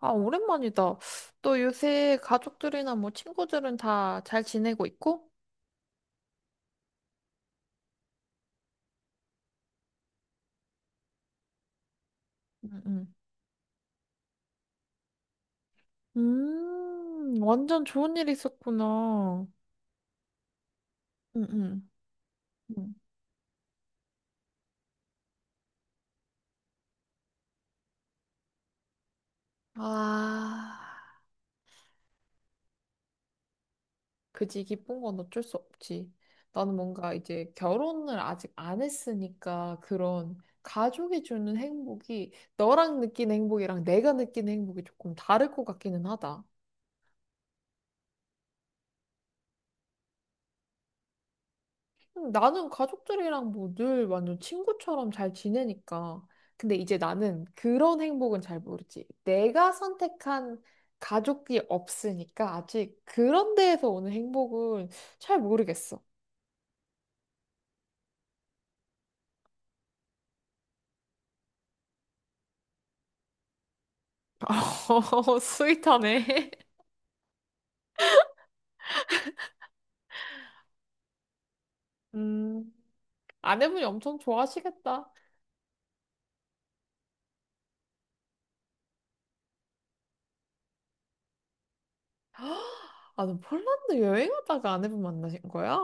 아, 오랜만이다. 또 요새 가족들이나 뭐 친구들은 다 잘 지내고 있고? 응, 응. 완전 좋은 일 있었구나. 응, 응. 응. 아, 그지. 기쁜 건 어쩔 수 없지. 나는 뭔가 이제 결혼을 아직 안 했으니까 그런 가족이 주는 행복이 너랑 느끼는 행복이랑 내가 느끼는 행복이 조금 다를 것 같기는 하다. 나는 가족들이랑 뭐 늘 완전 친구처럼 잘 지내니까. 근데 이제 나는 그런 행복은 잘 모르지. 내가 선택한 가족이 없으니까 아직 그런 데에서 오는 행복은 잘 모르겠어. 어, 스윗하네. 음, 아내분이 엄청 좋아하시겠다. 아, 너 폴란드 여행하다가 아내분 만나신 거야?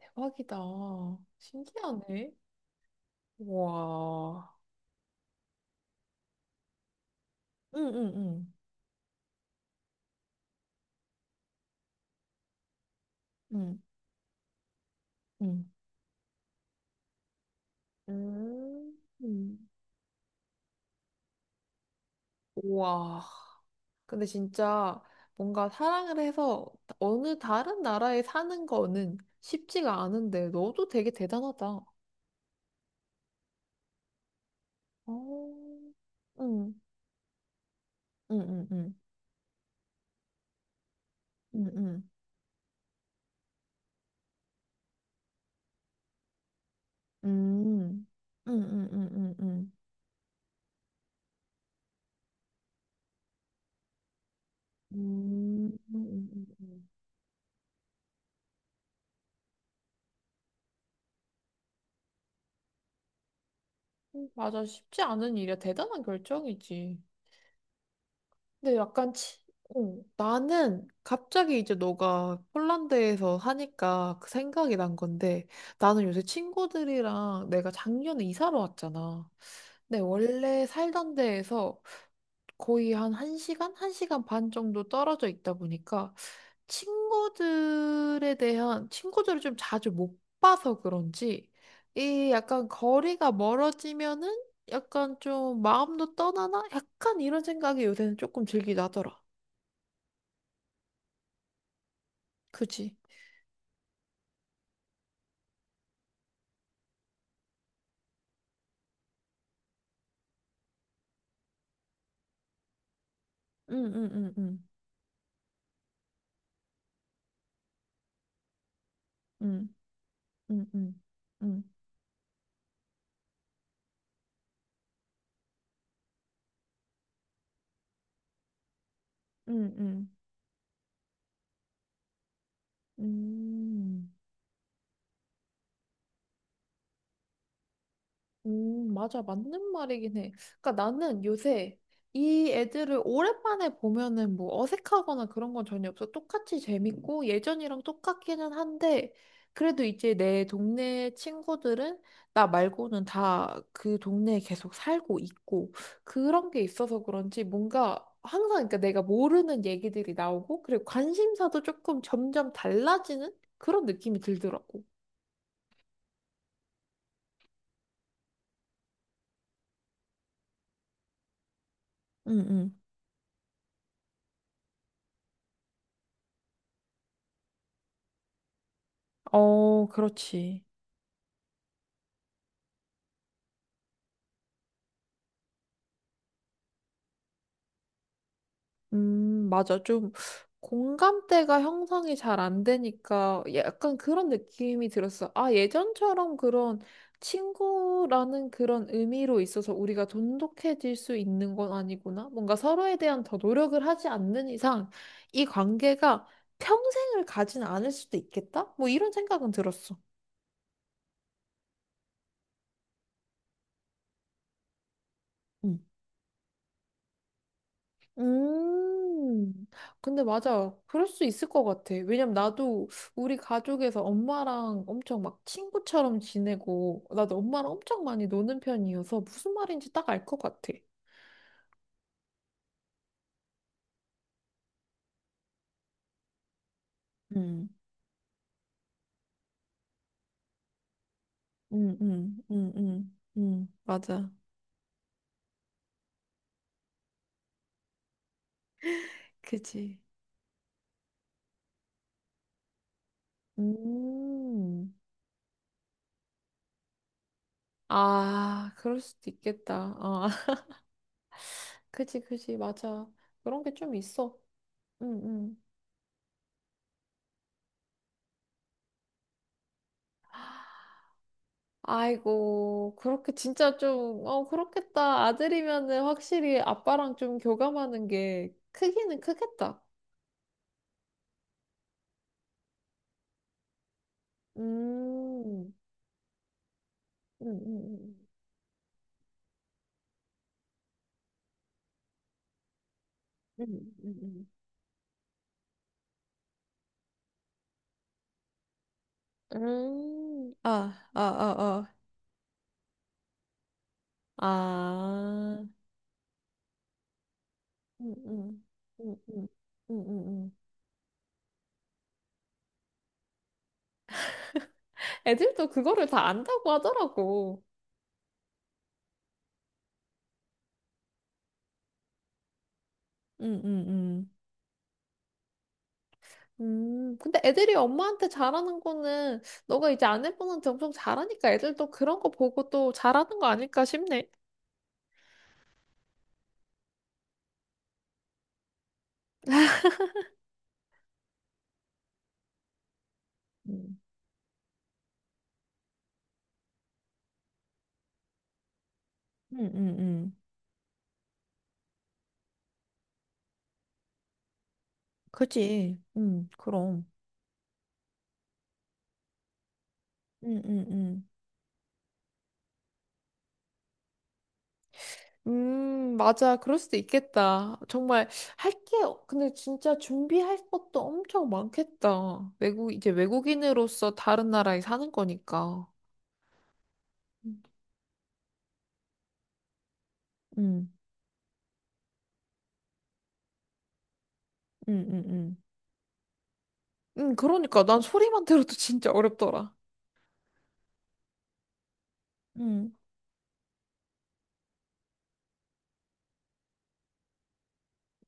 대박이다. 신기하네. 와. 응, 응, 응. 응, 응. 음. 음. 우와. 근데 진짜 뭔가 사랑을 해서 어느 다른 나라에 사는 거는 쉽지가 않은데 너도 되게 대단하다. 어. 응. 응, 응, 응. 응, 응. 음. 응, 응, 응, 응, 응. 음. 음, 음, 음, 맞아. 쉽지 않은 일이야. 대단한 결정이지. 근데 약간 어, 나는 갑자기 이제 너가 폴란드에서 하니까 그 생각이 난 건데 나는 요새 친구들이랑 내가 작년에 이사를 왔잖아. 네, 원래 살던 데에서 거의 한 1시간, 1시간 반 정도 떨어져 있다 보니까 친구들에 대한 친구들을 좀 자주 못 봐서 그런지 이 약간 거리가 멀어지면은 약간 좀 마음도 떠나나? 약간 이런 생각이 요새는 조금 들긴 하더라. 그지? 응, 응, 응, 응, 응, 응, 응, 응, 응, 응, 응. 맞아. 맞는 말이긴 해. 그러니까 나는 요새 이 애들을 오랜만에 보면은 뭐 어색하거나 그런 건 전혀 없어. 똑같이 재밌고 예전이랑 똑같기는 한데 그래도 이제 내 동네 친구들은 나 말고는 다 그 동네에 계속 살고 있고 그런 게 있어서 그런지 뭔가 항상 그러니까 내가 모르는 얘기들이 나오고 그리고 관심사도 조금 점점 달라지는 그런 느낌이 들더라고. 응, 응. 어, 그렇지. 맞아. 좀 공감대가 형성이 잘 안 되니까 약간 그런 느낌이 들었어. 아, 예전처럼 그런 친구라는 그런 의미로 있어서 우리가 돈독해질 수 있는 건 아니구나. 뭔가 서로에 대한 더 노력을 하지 않는 이상 이 관계가 평생을 가진 않을 수도 있겠다? 뭐 이런 생각은 들었어. 음. 음, 근데 맞아. 그럴 수 있을 것 같아. 왜냐면 나도 우리 가족에서 엄마랑 엄청 막 친구처럼 지내고, 나도 엄마랑 엄청 많이 노는 편이어서 무슨 말인지 딱 알 것 같아. 음, 맞아. 그지. 음, 아, 그럴 수도 있겠다. 아, 그지, 그지, 맞아. 그런 게 좀 있어. 응, 응. 아이고, 그렇게 진짜 좀, 어, 그렇겠다. 아들이면은 확실히 아빠랑 좀 교감하는 게 크기는 크겠다. 음, 음, 음, 음, 음, 음, 아, 아, 아, 아, 아, 음, 음, 음, 음, 음. 애들도 그거를 다 안다고 하더라고. 음, 음, 음. 근데 애들이 엄마한테 잘하는 거는 너가 이제 아내분한테 엄청 잘하니까 애들도 그런 거 보고 또 잘하는 거 아닐까 싶네. 음, 음, 음, 음. 그지? 그럼. 음, 음, 음. 맞아. 그럴 수도 있겠다. 정말 할 게, 근데 진짜 준비할 것도 엄청 많겠다. 외국, 이제 외국인으로서 다른 나라에 사는 거니까. 음, 음, 음, 음. 그러니까 난 소리만 들어도 진짜 어렵더라. 음.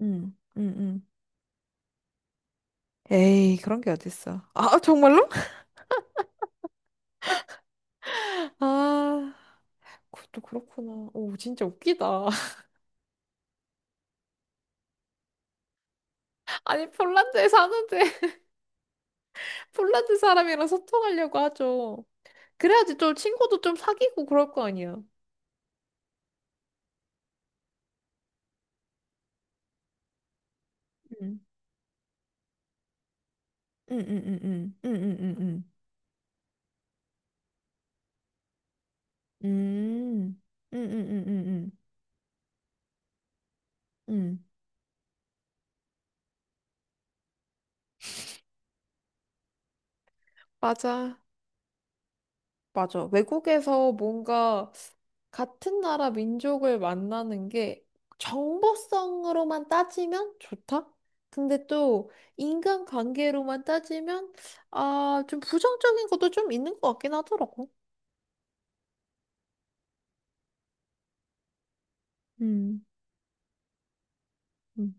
응, 응, 응. 에이, 그런 게 어딨어. 아, 정말로? 아, 그것도 그렇구나. 오, 진짜 웃기다. 아니, 폴란드에 사는데, 폴란드 사람이랑 소통하려고 하죠. 그래야지 좀 친구도 좀 사귀고 그럴 거 아니야. 응, 응, 응, 응, 응, 응, 응, 응, 응, 응, 응, 응, 응, 응, 응, 응. 맞아. 맞아. 외국에서 뭔가 같은 나라 민족을 만나는 게 정보성으로만 따지면 좋다? 근데 또 인간관계로만 따지면 아, 좀 부정적인 것도 좀 있는 것 같긴 하더라고. 음, 음,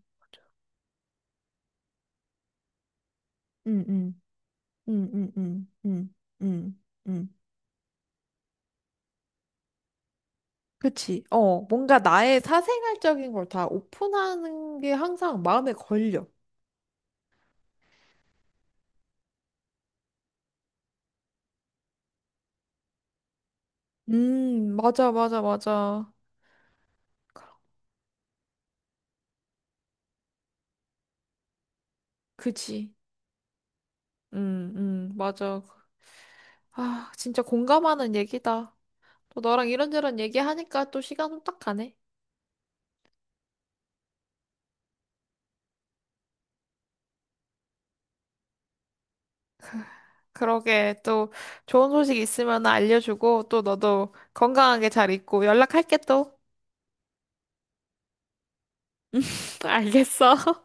음, 음, 음, 음, 음, 음, 음. 그치. 어, 뭔가 나의 사생활적인 걸 다 오픈하는 게 항상 마음에 걸려. 맞아, 맞아, 맞아. 그치. 맞아. 아, 진짜 공감하는 얘기다. 또 너랑 이런저런 얘기하니까 또 시간 후딱 가네. 그러게, 또 좋은 소식 있으면 알려주고, 또 너도 건강하게 잘 있고 연락할게 또. 알겠어.